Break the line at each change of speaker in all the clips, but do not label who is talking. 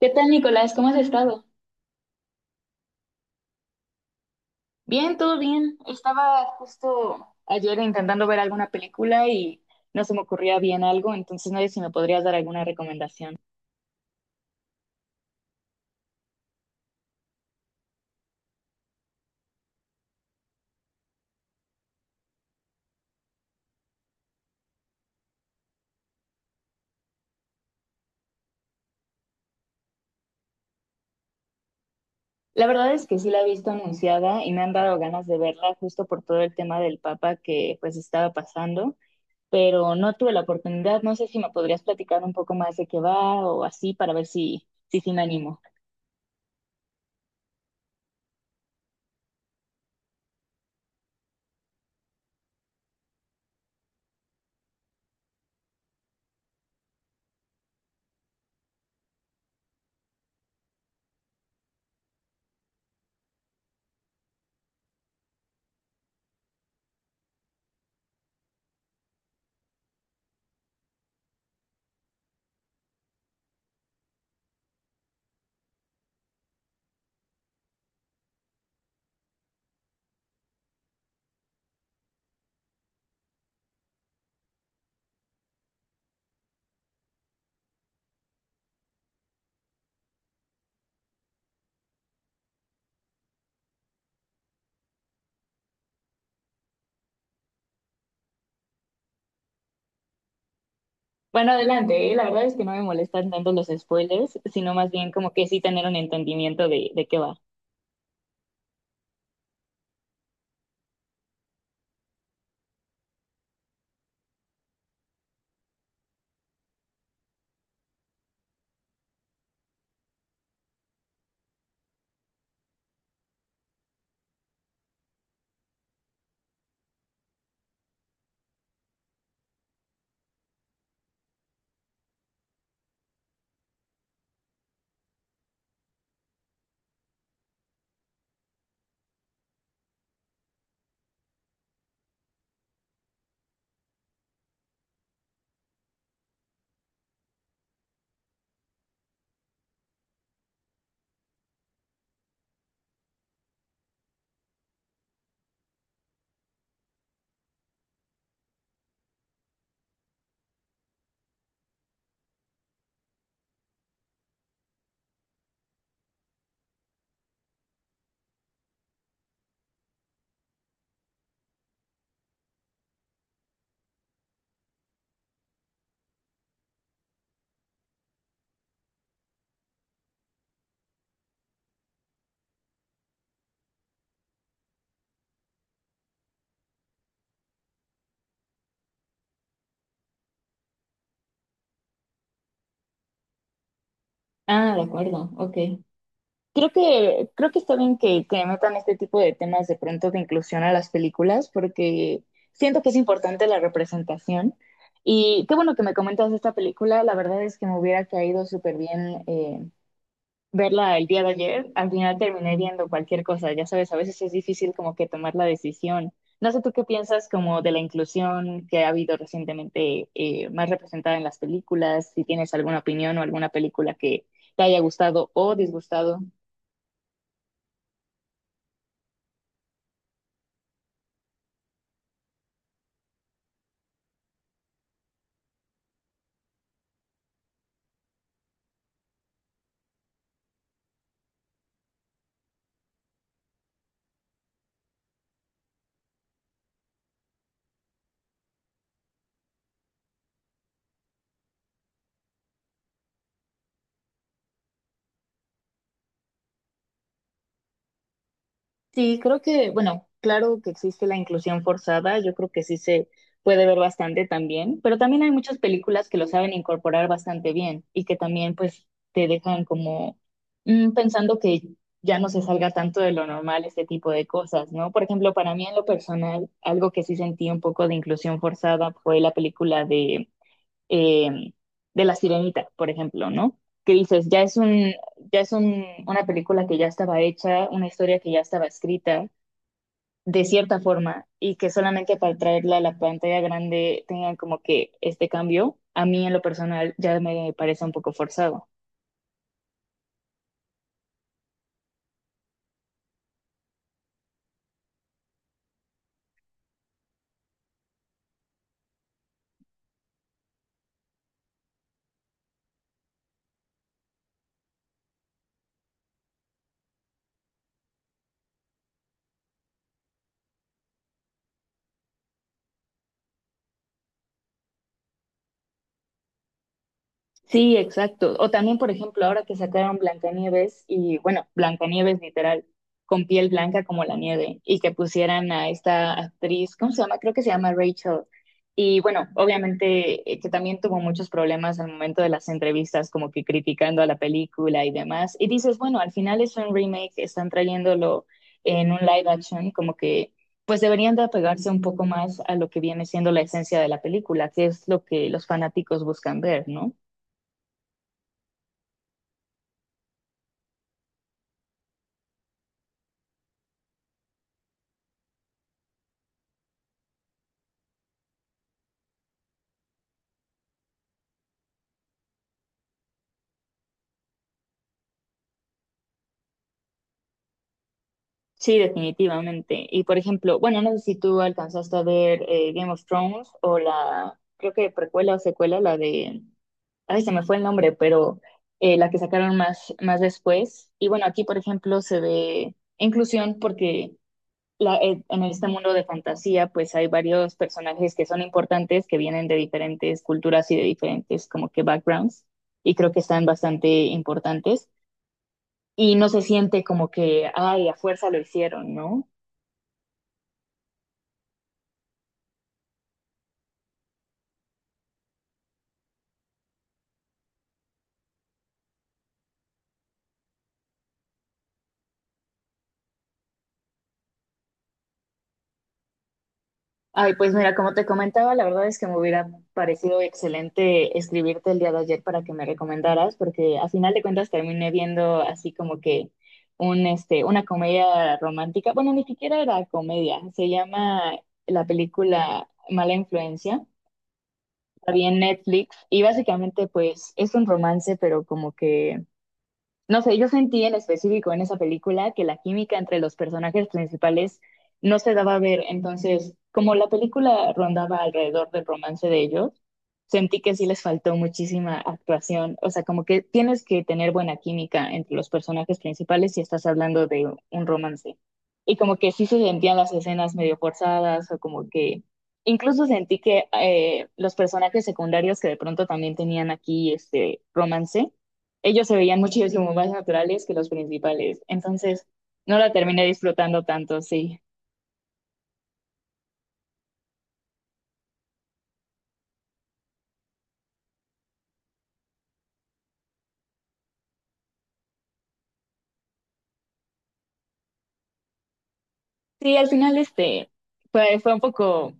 ¿Qué tal, Nicolás? ¿Cómo has estado? Bien, todo bien. Estaba justo ayer intentando ver alguna película y no se me ocurría bien algo, entonces no sé si me podrías dar alguna recomendación. La verdad es que sí la he visto anunciada y me han dado ganas de verla justo por todo el tema del Papa que pues estaba pasando, pero no tuve la oportunidad. No sé si me podrías platicar un poco más de qué va o así para ver si si, sí me animo. Bueno, adelante, ¿eh? La verdad es que no me molestan tanto los spoilers, sino más bien como que sí tener un entendimiento de qué va. Ah, de acuerdo, ok. Creo que está bien que metan este tipo de temas de pronto de inclusión a las películas, porque siento que es importante la representación. Y qué bueno que me comentas esta película, la verdad es que me hubiera caído súper bien verla el día de ayer, al final terminé viendo cualquier cosa, ya sabes, a veces es difícil como que tomar la decisión. No sé tú qué piensas como de la inclusión que ha habido recientemente más representada en las películas, si tienes alguna opinión o alguna película que te haya gustado o disgustado. Sí, creo que, bueno, claro que existe la inclusión forzada, yo creo que sí se puede ver bastante también, pero también hay muchas películas que lo saben incorporar bastante bien y que también pues te dejan como pensando que ya no se salga tanto de lo normal este tipo de cosas, ¿no? Por ejemplo, para mí en lo personal, algo que sí sentí un poco de inclusión forzada fue la película eh, de La Sirenita, por ejemplo, ¿no? Que dices, ya es un, una película que ya estaba hecha, una historia que ya estaba escrita, de cierta forma, y que solamente para traerla a la pantalla grande tengan como que este cambio, a mí en lo personal ya me parece un poco forzado. Sí, exacto. O también, por ejemplo, ahora que sacaron Blancanieves y, bueno, Blancanieves literal, con piel blanca como la nieve, y que pusieran a esta actriz, ¿cómo se llama? Creo que se llama Rachel. Y bueno, obviamente que también tuvo muchos problemas al momento de las entrevistas, como que criticando a la película y demás. Y dices, bueno, al final es un remake, están trayéndolo en un live action, como que pues deberían de apegarse un poco más a lo que viene siendo la esencia de la película, que es lo que los fanáticos buscan ver, ¿no? Sí, definitivamente. Y por ejemplo, bueno, no sé si tú alcanzaste a ver Game of Thrones o la, creo que precuela o secuela, ay, se me fue el nombre, pero la que sacaron más, más después. Y bueno, aquí por ejemplo se ve inclusión porque en este mundo de fantasía pues hay varios personajes que son importantes, que vienen de diferentes culturas y de diferentes como que backgrounds y creo que están bastante importantes. Y no se siente como que, ay, a fuerza lo hicieron, ¿no? Ay, pues mira, como te comentaba, la verdad es que me hubiera parecido excelente escribirte el día de ayer para que me recomendaras, porque a final de cuentas terminé viendo así como que una comedia romántica. Bueno, ni siquiera era comedia, se llama la película Mala Influencia, la vi en Netflix y básicamente pues es un romance, pero como que no sé, yo sentí en específico en esa película que la química entre los personajes principales no se daba a ver. Entonces, como la película rondaba alrededor del romance de ellos, sentí que sí les faltó muchísima actuación. O sea, como que tienes que tener buena química entre los personajes principales si estás hablando de un romance. Y como que sí se sentían las escenas medio forzadas o como que incluso sentí que los personajes secundarios que de pronto también tenían aquí este romance ellos se veían muchísimo más naturales que los principales. Entonces, no la terminé disfrutando tanto, sí. Sí, al final este fue un poco,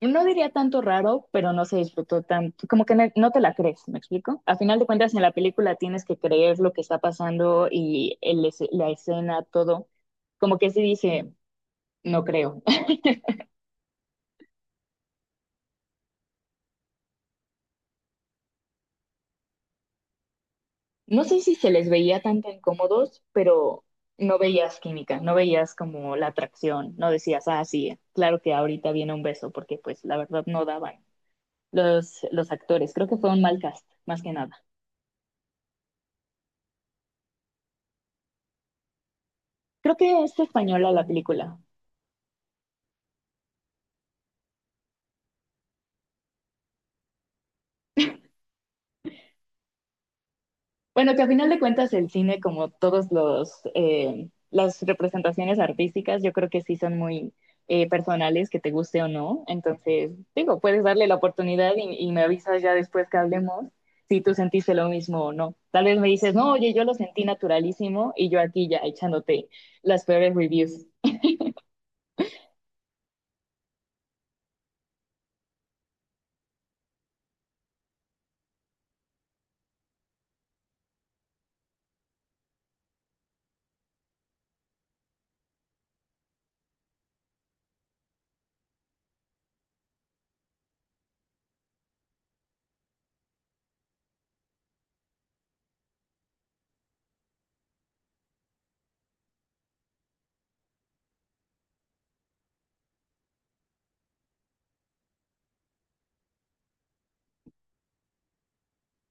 no diría tanto raro, pero no se disfrutó tanto, como que no, no te la crees, ¿me explico? A final de cuentas, en la película tienes que creer lo que está pasando y la escena, todo. Como que sí dije, no creo. No sé si se les veía tanto incómodos, pero no veías química, no veías como la atracción, no decías, ah, sí, claro que ahorita viene un beso, porque pues la verdad no daban los actores. Creo que fue un mal cast, más que nada. Creo que es española la película. Bueno, que a final de cuentas el cine, como todos los las representaciones artísticas, yo creo que sí son muy personales, que te guste o no. Entonces, digo, puedes darle la oportunidad y me avisas ya después que hablemos si tú sentiste lo mismo o no. Tal vez me dices, no, oye, yo lo sentí naturalísimo y yo aquí ya echándote las peores reviews.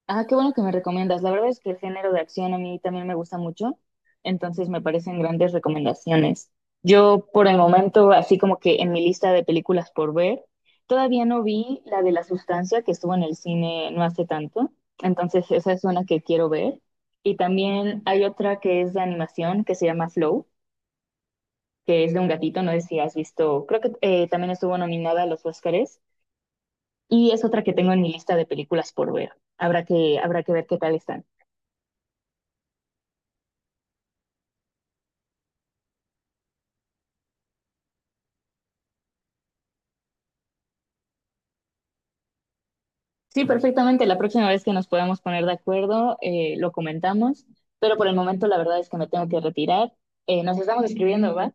Ah, qué bueno que me recomiendas. La verdad es que el género de acción a mí también me gusta mucho, entonces me parecen grandes recomendaciones. Yo por el momento, así como que en mi lista de películas por ver, todavía no vi la de La Sustancia que estuvo en el cine no hace tanto, entonces esa es una que quiero ver. Y también hay otra que es de animación que se llama Flow, que es de un gatito, no sé si has visto, creo que también estuvo nominada a los Óscares y es otra que tengo en mi lista de películas por ver. Habrá que ver qué tal está. Sí, perfectamente. La próxima vez que nos podamos poner de acuerdo, lo comentamos, pero por el momento la verdad es que me tengo que retirar. Nos estamos escribiendo, ¿va?